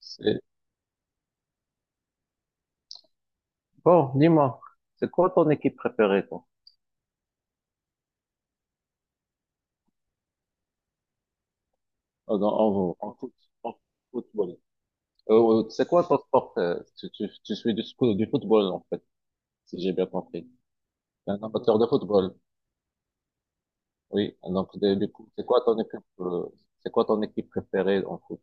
C'est- Bon, dis-moi, c'est quoi ton équipe préférée, toi, en, en, en foot- en football? C'est quoi ton sport? Tu suis du, sco- du football, en fait, si j'ai bien compris. T'es un amateur de football, oui. Donc, de- du coup, c'est quoi ton équipe, c'est quoi ton équipe préférée en foot?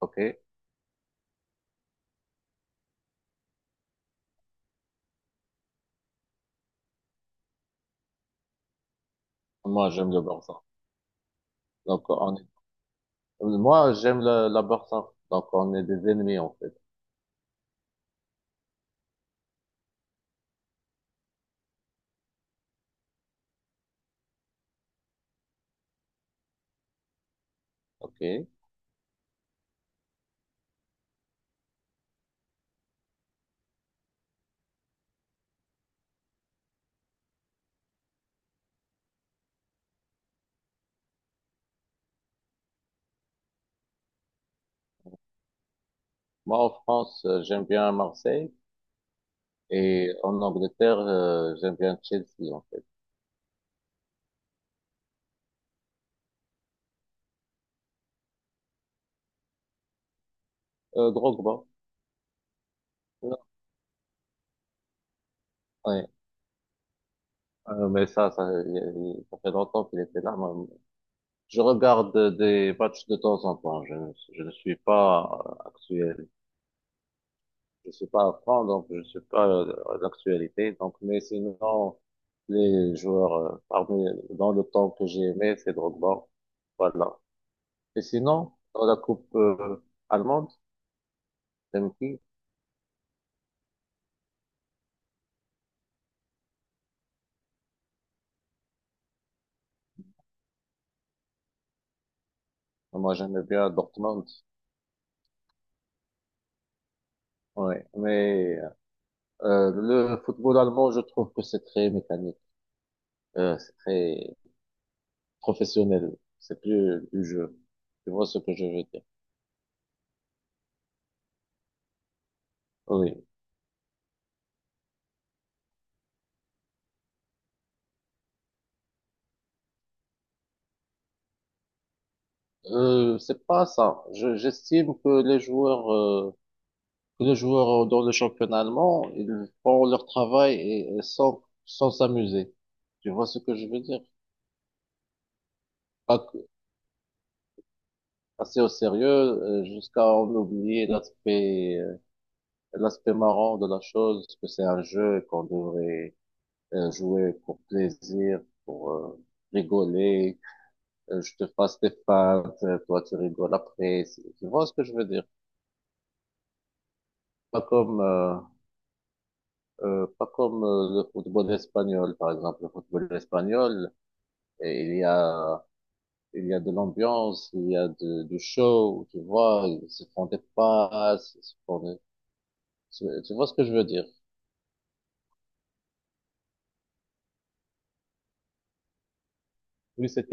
OK? Moi, j'aime le Barça. Donc, on est- moi, j'aime le la Barça. Donc, on est des ennemis, en fait. OK? Moi, en France, j'aime bien Marseille. Et en Angleterre, j'aime bien Chelsea, en fait. Drogba. Ouais. Mais il- ça fait longtemps qu'il était là. Moi, je regarde des matchs de temps en temps. Je ne suis pas actuel. Je suis pas à fond, donc je suis pas à l'actualité. Donc, mais sinon, les joueurs parmi dans le temps que j'ai aimé, c'est Drogba. Voilà. Et sinon, dans la coupe allemande, t'aimes qui? Moi, j'aime bien Dortmund. Ouais. Mais le football allemand, je trouve que c'est très mécanique. C'est très professionnel. C'est plus du jeu. Tu vois ce que je veux dire? Oui. C'est pas ça. Je, j'estime que les joueurs dans le championnat allemand, ils font leur travail et, sans s'amuser. Tu vois ce que je veux dire? Pas que- assez au sérieux, jusqu'à en oublier l'aspect, l'aspect marrant de la chose, que c'est un jeu et qu'on devrait jouer pour plaisir, pour rigoler je te fasse des feintes, toi tu rigoles après. C'est- Tu vois ce que je veux dire? Pas comme, euh, pas comme le football espagnol, par exemple. Le football espagnol, et il y a de l'ambiance, il y a de, du show, tu vois. Ils se font des passes, ils se font des- Tu vois ce que je veux dire? Plus c'est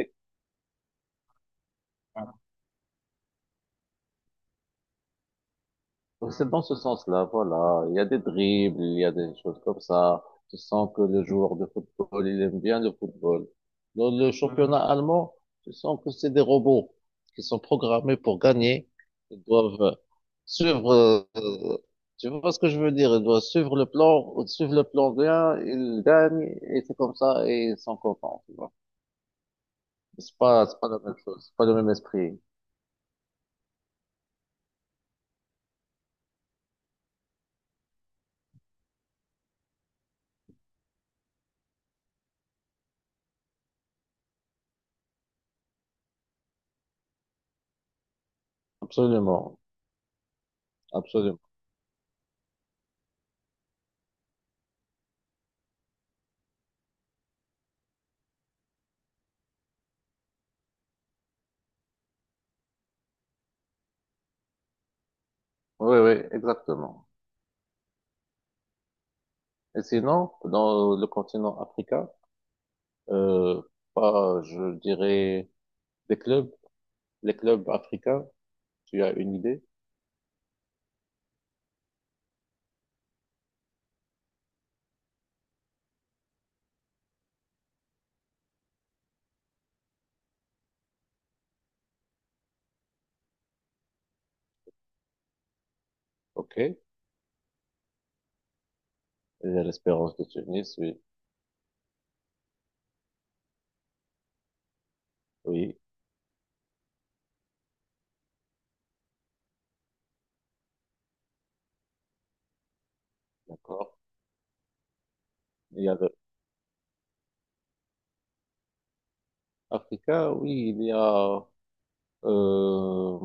Donc, c'est dans ce sens-là, voilà. Il y a des dribbles, il y a des choses comme ça. Tu sens que le joueur de football, il aime bien le football. Dans le championnat Mhm. allemand, tu sens que c'est des robots qui sont programmés pour gagner. Ils doivent suivre, euh, tu vois ce que je veux dire? Ils doivent suivre le plan bien, ils gagnent, et c'est comme ça, et ils sont contents, tu vois. C'est pas la même chose, c'est pas le même esprit. Absolument, absolument. Oui, oui, exactement. Et sinon, dans le continent africain, euh, pas, je dirais, des clubs, les clubs africains, tu as une idée? Ok. Il y a l'Espérance de Tunis, oui. Oui, d'accord. Il y a le africain, oui, euh,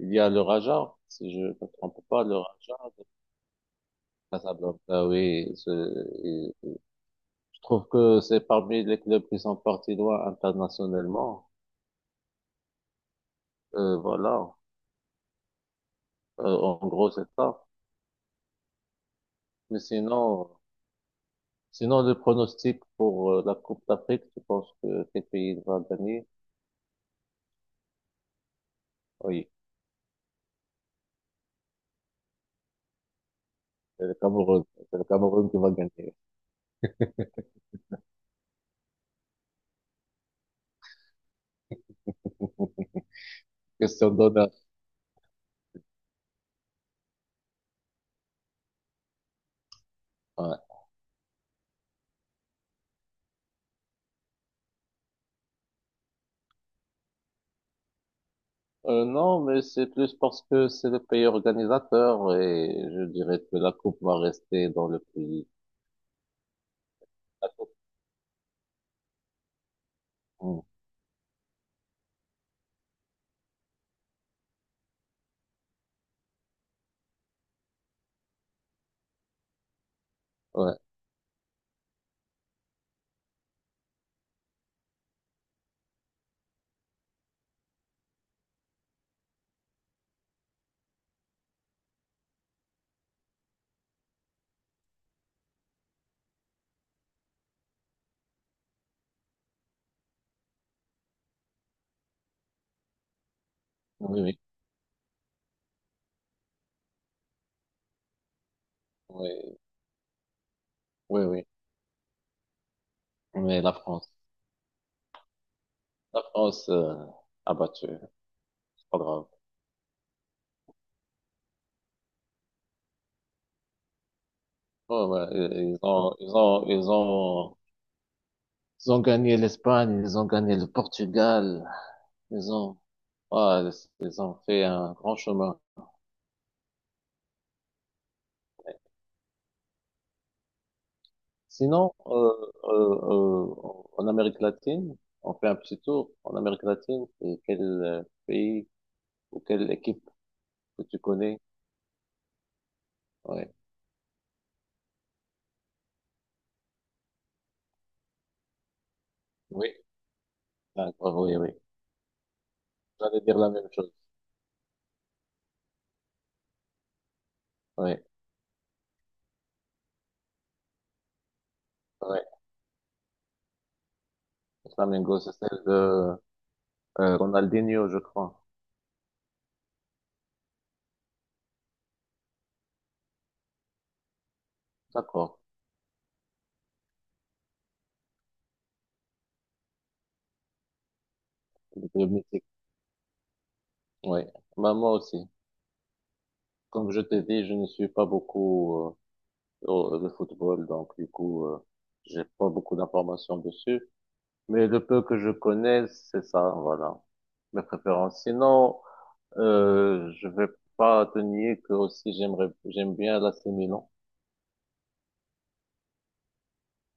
il y a le Raja, si je ne me trompe pas, le Raja de Casablanca, oui, ce- Je trouve que c'est parmi les clubs qui sont partis loin internationalement. Voilà. En gros, c'est ça. Mais sinon, sinon, le pronostic pour la Coupe d'Afrique, tu penses que quel pays va gagner? Oui, c'est le Cameroun. C'est le Cameroun qui va gagner. Question d'honneur. Ouais. Non, mais c'est plus parce que c'est le pays organisateur et je dirais que la coupe va rester dans le pays. La coupe. Mm. Ouais. Oui, oui, oui, oui, oui. Mais la France. La France a battu, c'est pas grave. Ouais, ouais, ils ont gagné l'Espagne, ils ont gagné le Portugal, ils ont, ouais, ils ont fait un grand chemin. Sinon, en Amérique latine, on fait un petit tour en Amérique latine. Et quel pays ou quelle équipe que tu connais? Ouais. Oui. D'accord, oui, oui. J'allais dire la même chose. Oui, oui. Le Flamengo, c'est celle de Ronaldinho, je crois. D'accord. De musique, oui. Bah, moi aussi. Comme je t'ai dit, je ne suis pas beaucoup au- le football, donc du coup, j'ai pas beaucoup d'informations dessus. Mais le peu que je connais, c'est ça, voilà. Mes préférences. Sinon, je vais pas te nier que aussi j'aimerais, j'aime bien l'AC Milan.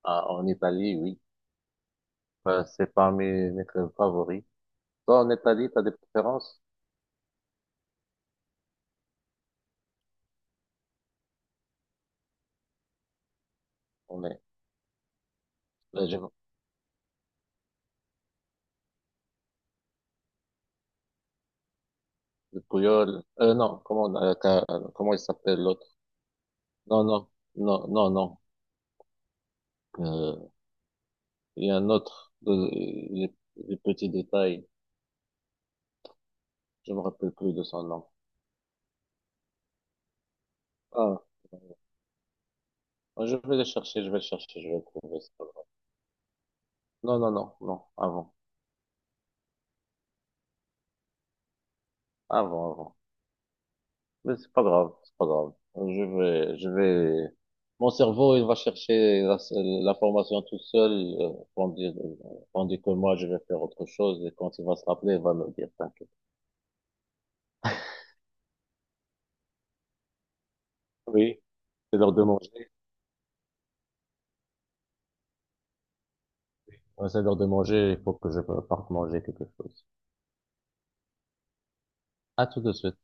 Ah, en Italie, oui. Bah, c'est parmi mes clubs favoris. Toi, en Italie, t'as des préférences? On est, là, j'ai- le Puyol, non, comment, on a- comment il s'appelle l'autre? Non, non, non, non, non. Euh, il y a un autre, de- les, les petits détails. Je me rappelle plus de son nom. Ah, ah, je vais le chercher, je vais le chercher, je vais le trouver. C'est pas grave. Non, non, non, non, avant, avant, avant. Mais c'est pas grave, c'est pas grave. Je vais. Mon cerveau, il va chercher la- l'information tout seul, euh, tandis, tandis que moi, je vais faire autre chose. Et quand il va se rappeler, il va me dire, t'inquiète. Oui, c'est l'heure de manger. Ouais, c'est l'heure de manger, il faut que je parte manger quelque chose. À tout de suite.